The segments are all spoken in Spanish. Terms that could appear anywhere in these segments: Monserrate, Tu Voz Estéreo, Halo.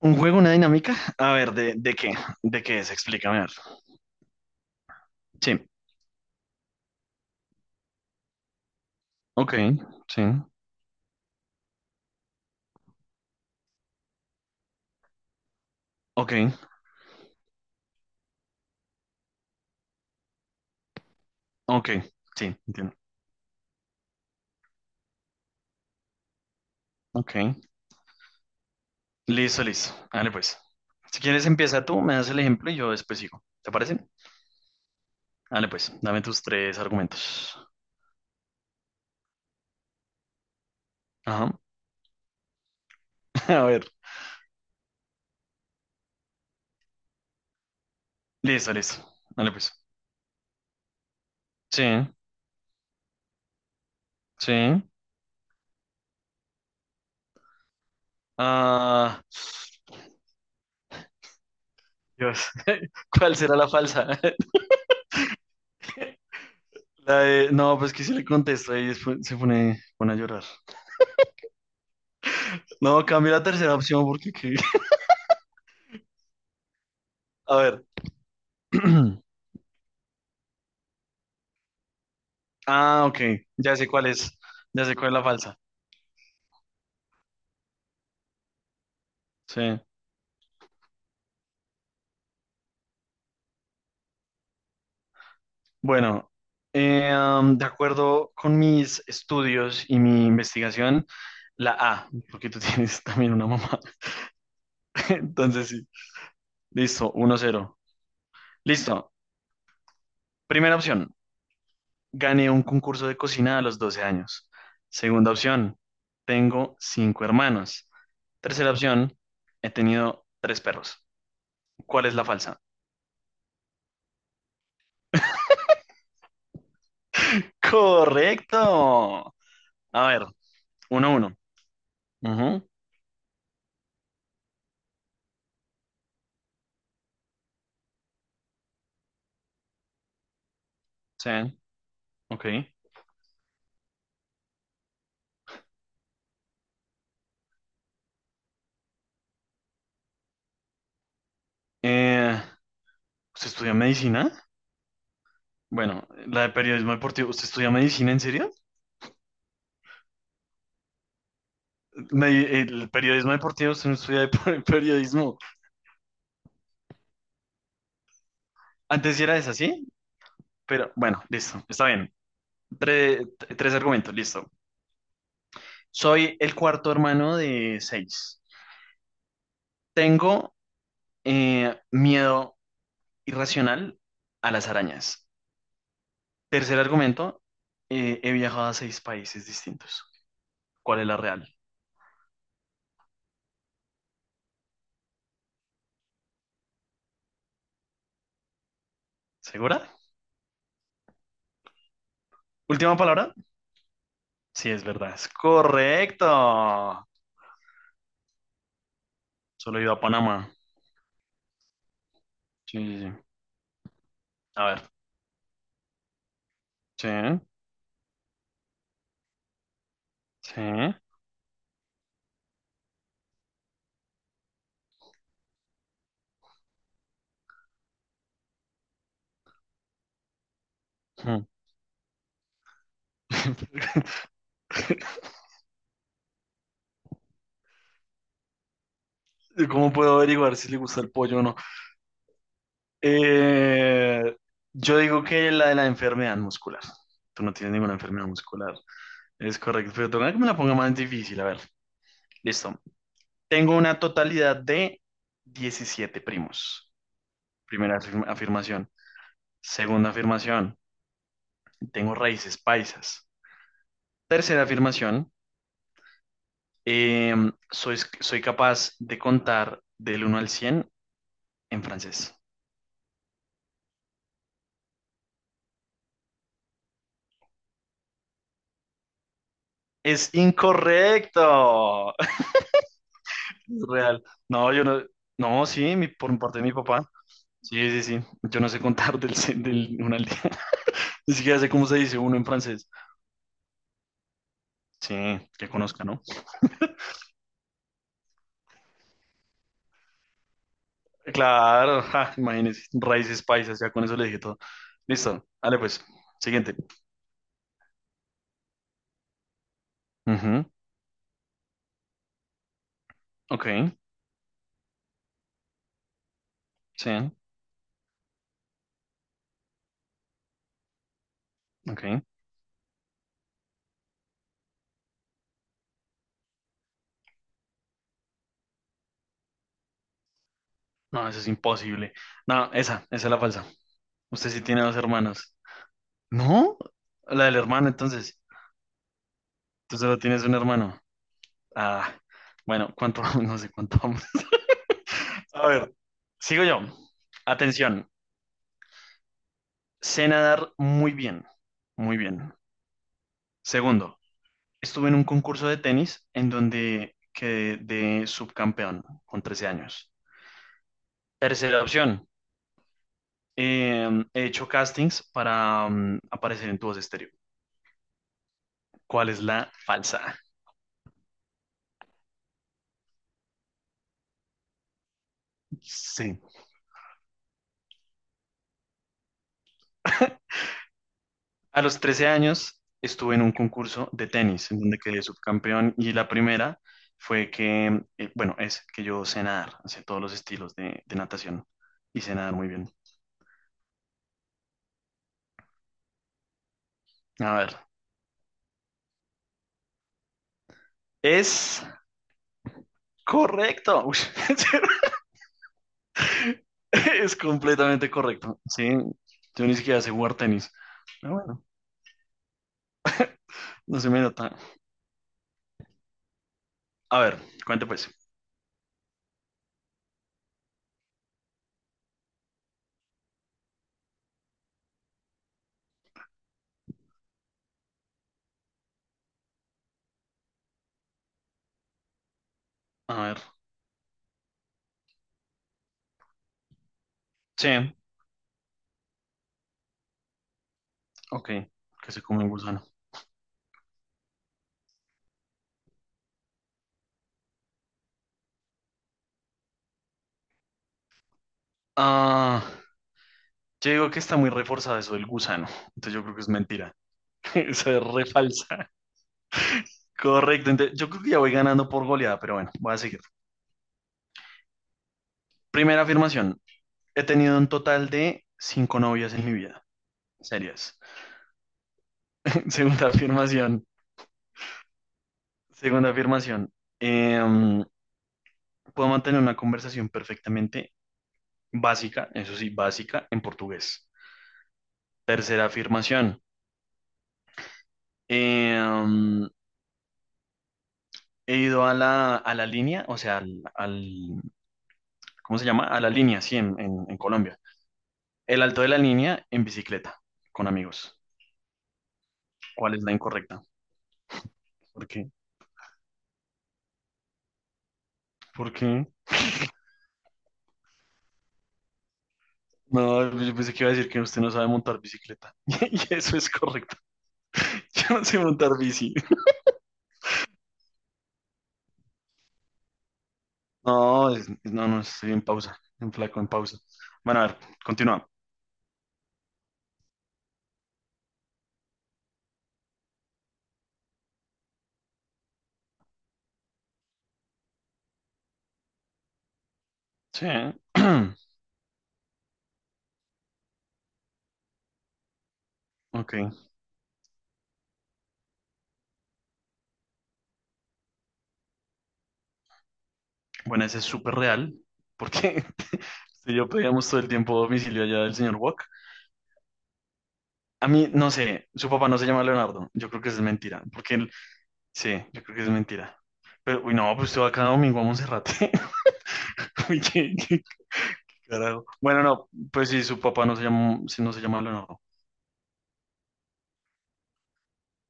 ¿Un juego, una dinámica? A ver, ¿de qué? ¿De qué es? Explícame. A ver. Sí. Ok, sí. Ok, ok. Sí, entiendo. Ok. Listo, listo. Dale pues. Si quieres empieza tú, me das el ejemplo y yo después sigo. ¿Te parece? Dale pues, dame tus tres argumentos. Ajá. A ver. Listo, listo. Dale pues. Sí, sí. Ah, Dios. ¿Cuál será la falsa? No, pues que si le contesto y después se pone a llorar. No, cambia la tercera opción porque qué. A ver. Ah, ok. Ya sé cuál es. Ya sé cuál es la falsa. Sí. Bueno, de acuerdo con mis estudios y mi investigación, la A, porque tú tienes también una mamá. Entonces sí. Listo, 1-0. Listo. Primera opción. Gané un concurso de cocina a los 12 años. Segunda opción. Tengo cinco hermanos. Tercera opción. He tenido tres perros. ¿Cuál es la falsa? Correcto. A ver, 1-1. Ujú. Sí, ok. Eh, ¿Usted estudia medicina? Bueno, la de periodismo deportivo. ¿Usted estudia medicina en serio? El periodismo deportivo, usted no estudia periodismo. Antes sí era esa, ¿sí? Pero bueno, listo, está bien. Tre- tres argumentos, listo. Soy el cuarto hermano de seis. Tengo miedo irracional a las arañas. Tercer argumento, he viajado a seis países distintos. ¿Cuál es la real? ¿Segura? Última palabra. Sí, es verdad. Es correcto. Solo he ido a Panamá. Sí, sí, sí. A ver. Sí, sí. Mm. ¿Cómo puedo averiguar si le gusta el pollo o no? Eh, yo digo que la de la enfermedad muscular. Tú no tienes ninguna enfermedad muscular. Es correcto, pero toca que me la ponga más difícil. A ver, listo. Tengo una totalidad de 17 primos. Primera afirmación. Segunda afirmación, tengo raíces paisas. Tercera afirmación, soy capaz de contar del uno al 100 en francés. Es incorrecto. Real. No, yo no. No, sí, por parte de mi papá. Sí, sí, sí. Yo no sé contar del uno al diez. Ni siquiera sé cómo se dice uno en francés. Sí, que conozca, ¿no? Claro, ja, imagínense, raíces paisas, ya con eso le dije todo. Listo, dale pues, siguiente. Ujú. Ok, sí, ok. No, eso es imposible. No, esa es la falsa. Usted sí tiene dos hermanos. ¿No? La del hermano, entonces. Tú solo tienes un hermano. Ah, bueno, ¿cuánto vamos? No sé cuánto vamos. A ver, sigo yo. Atención, sé nadar muy bien, muy bien. Segundo, estuve en un concurso de tenis en donde quedé de subcampeón con 13 años. Tercera opción, he hecho castings para aparecer en Tu Voz Estéreo. ¿Cuál es la falsa? Sí. A los 13 años estuve en un concurso de tenis en donde quedé subcampeón y la primera fue que, bueno, es que yo sé nadar, sé todos los estilos de natación y sé nadar muy bien. A ver, es correcto. Uy. Es completamente correcto. Sí, yo ni siquiera sé jugar tenis. Pero bueno, no se me nota. A ver, cuente pues. A ver. Sí, ok, que se come un gusano. Ah, yo digo que está muy reforzado eso del gusano. Entonces yo creo que es mentira. Eso es re falsa. Correcto, entonces yo creo que ya voy ganando por goleada, pero bueno, voy a seguir. Primera afirmación. He tenido un total de cinco novias en mi vida. Serias. Segunda afirmación. Segunda afirmación. Em, Puedo mantener una conversación perfectamente básica, eso sí, básica, en portugués. Tercera afirmación. eh, um, he ido a la línea, o sea, ¿cómo se llama? A la línea, sí, en Colombia. El alto de la línea en bicicleta, con amigos. ¿Cuál es la incorrecta? ¿Por qué? ¿Por qué? No, pues yo pensé que iba a decir que usted no sabe montar bicicleta. Y eso es correcto. Yo no sé montar bici. No, no, no, estoy en pausa, en flaco, en pausa. Bueno, a ver, continúa. Sí. Ok. Bueno, ese es súper real, porque si yo pedíamos todo el tiempo domicilio allá del señor Wok. A mí, no sé, su papá no se llama Leonardo. Yo creo que es mentira, porque él, sí, yo creo que es mentira. Pero, uy, no, pues usted va cada domingo a Monserrate. Uy, qué carajo. Bueno, no, pues sí, su papá no se llama, sí, no se llama Leonardo.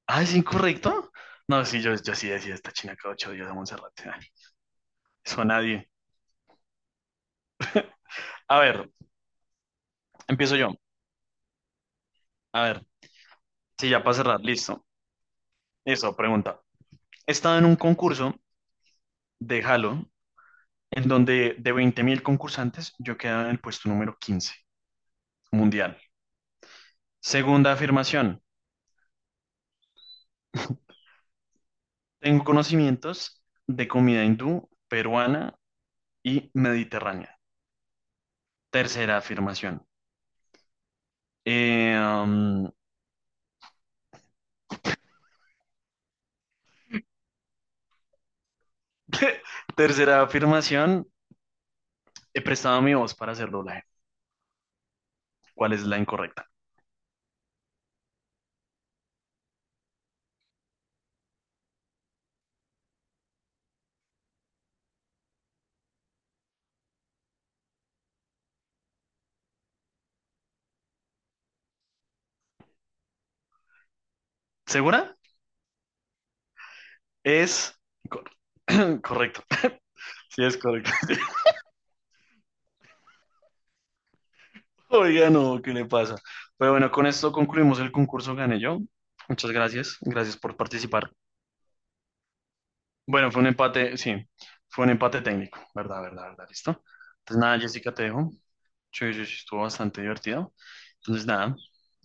Ah, ¿es incorrecto? No, sí, yo sí decía esta china cada 8 días a Monserrate. Ay. Eso a nadie. A ver, empiezo yo. A ver, sí, ya para cerrar, listo. Eso, pregunta. He estado en un concurso de Halo en donde de 20.000 concursantes yo quedaba en el puesto número 15 mundial. Segunda afirmación, tengo conocimientos de comida hindú, peruana y mediterránea. Tercera afirmación. eh, um, tercera afirmación, he prestado mi voz para hacer doblaje. ¿Cuál es la incorrecta? ¿Segura? Es cor- correcto. Sí, es correcto. Oiga, no, ¿qué le pasa? Pero bueno, con esto concluimos el concurso, gané yo. Muchas gracias, gracias por participar. Bueno, fue un empate, sí, fue un empate técnico, ¿verdad, verdad, verdad? ¿Listo? Entonces nada, Jessica, te dejo. Sí, sí, sí, estuvo bastante divertido. Entonces nada,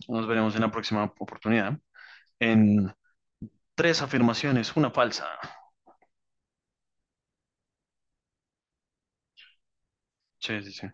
nos veremos en la próxima oportunidad. En tres afirmaciones, una falsa. Sí, sí, sí.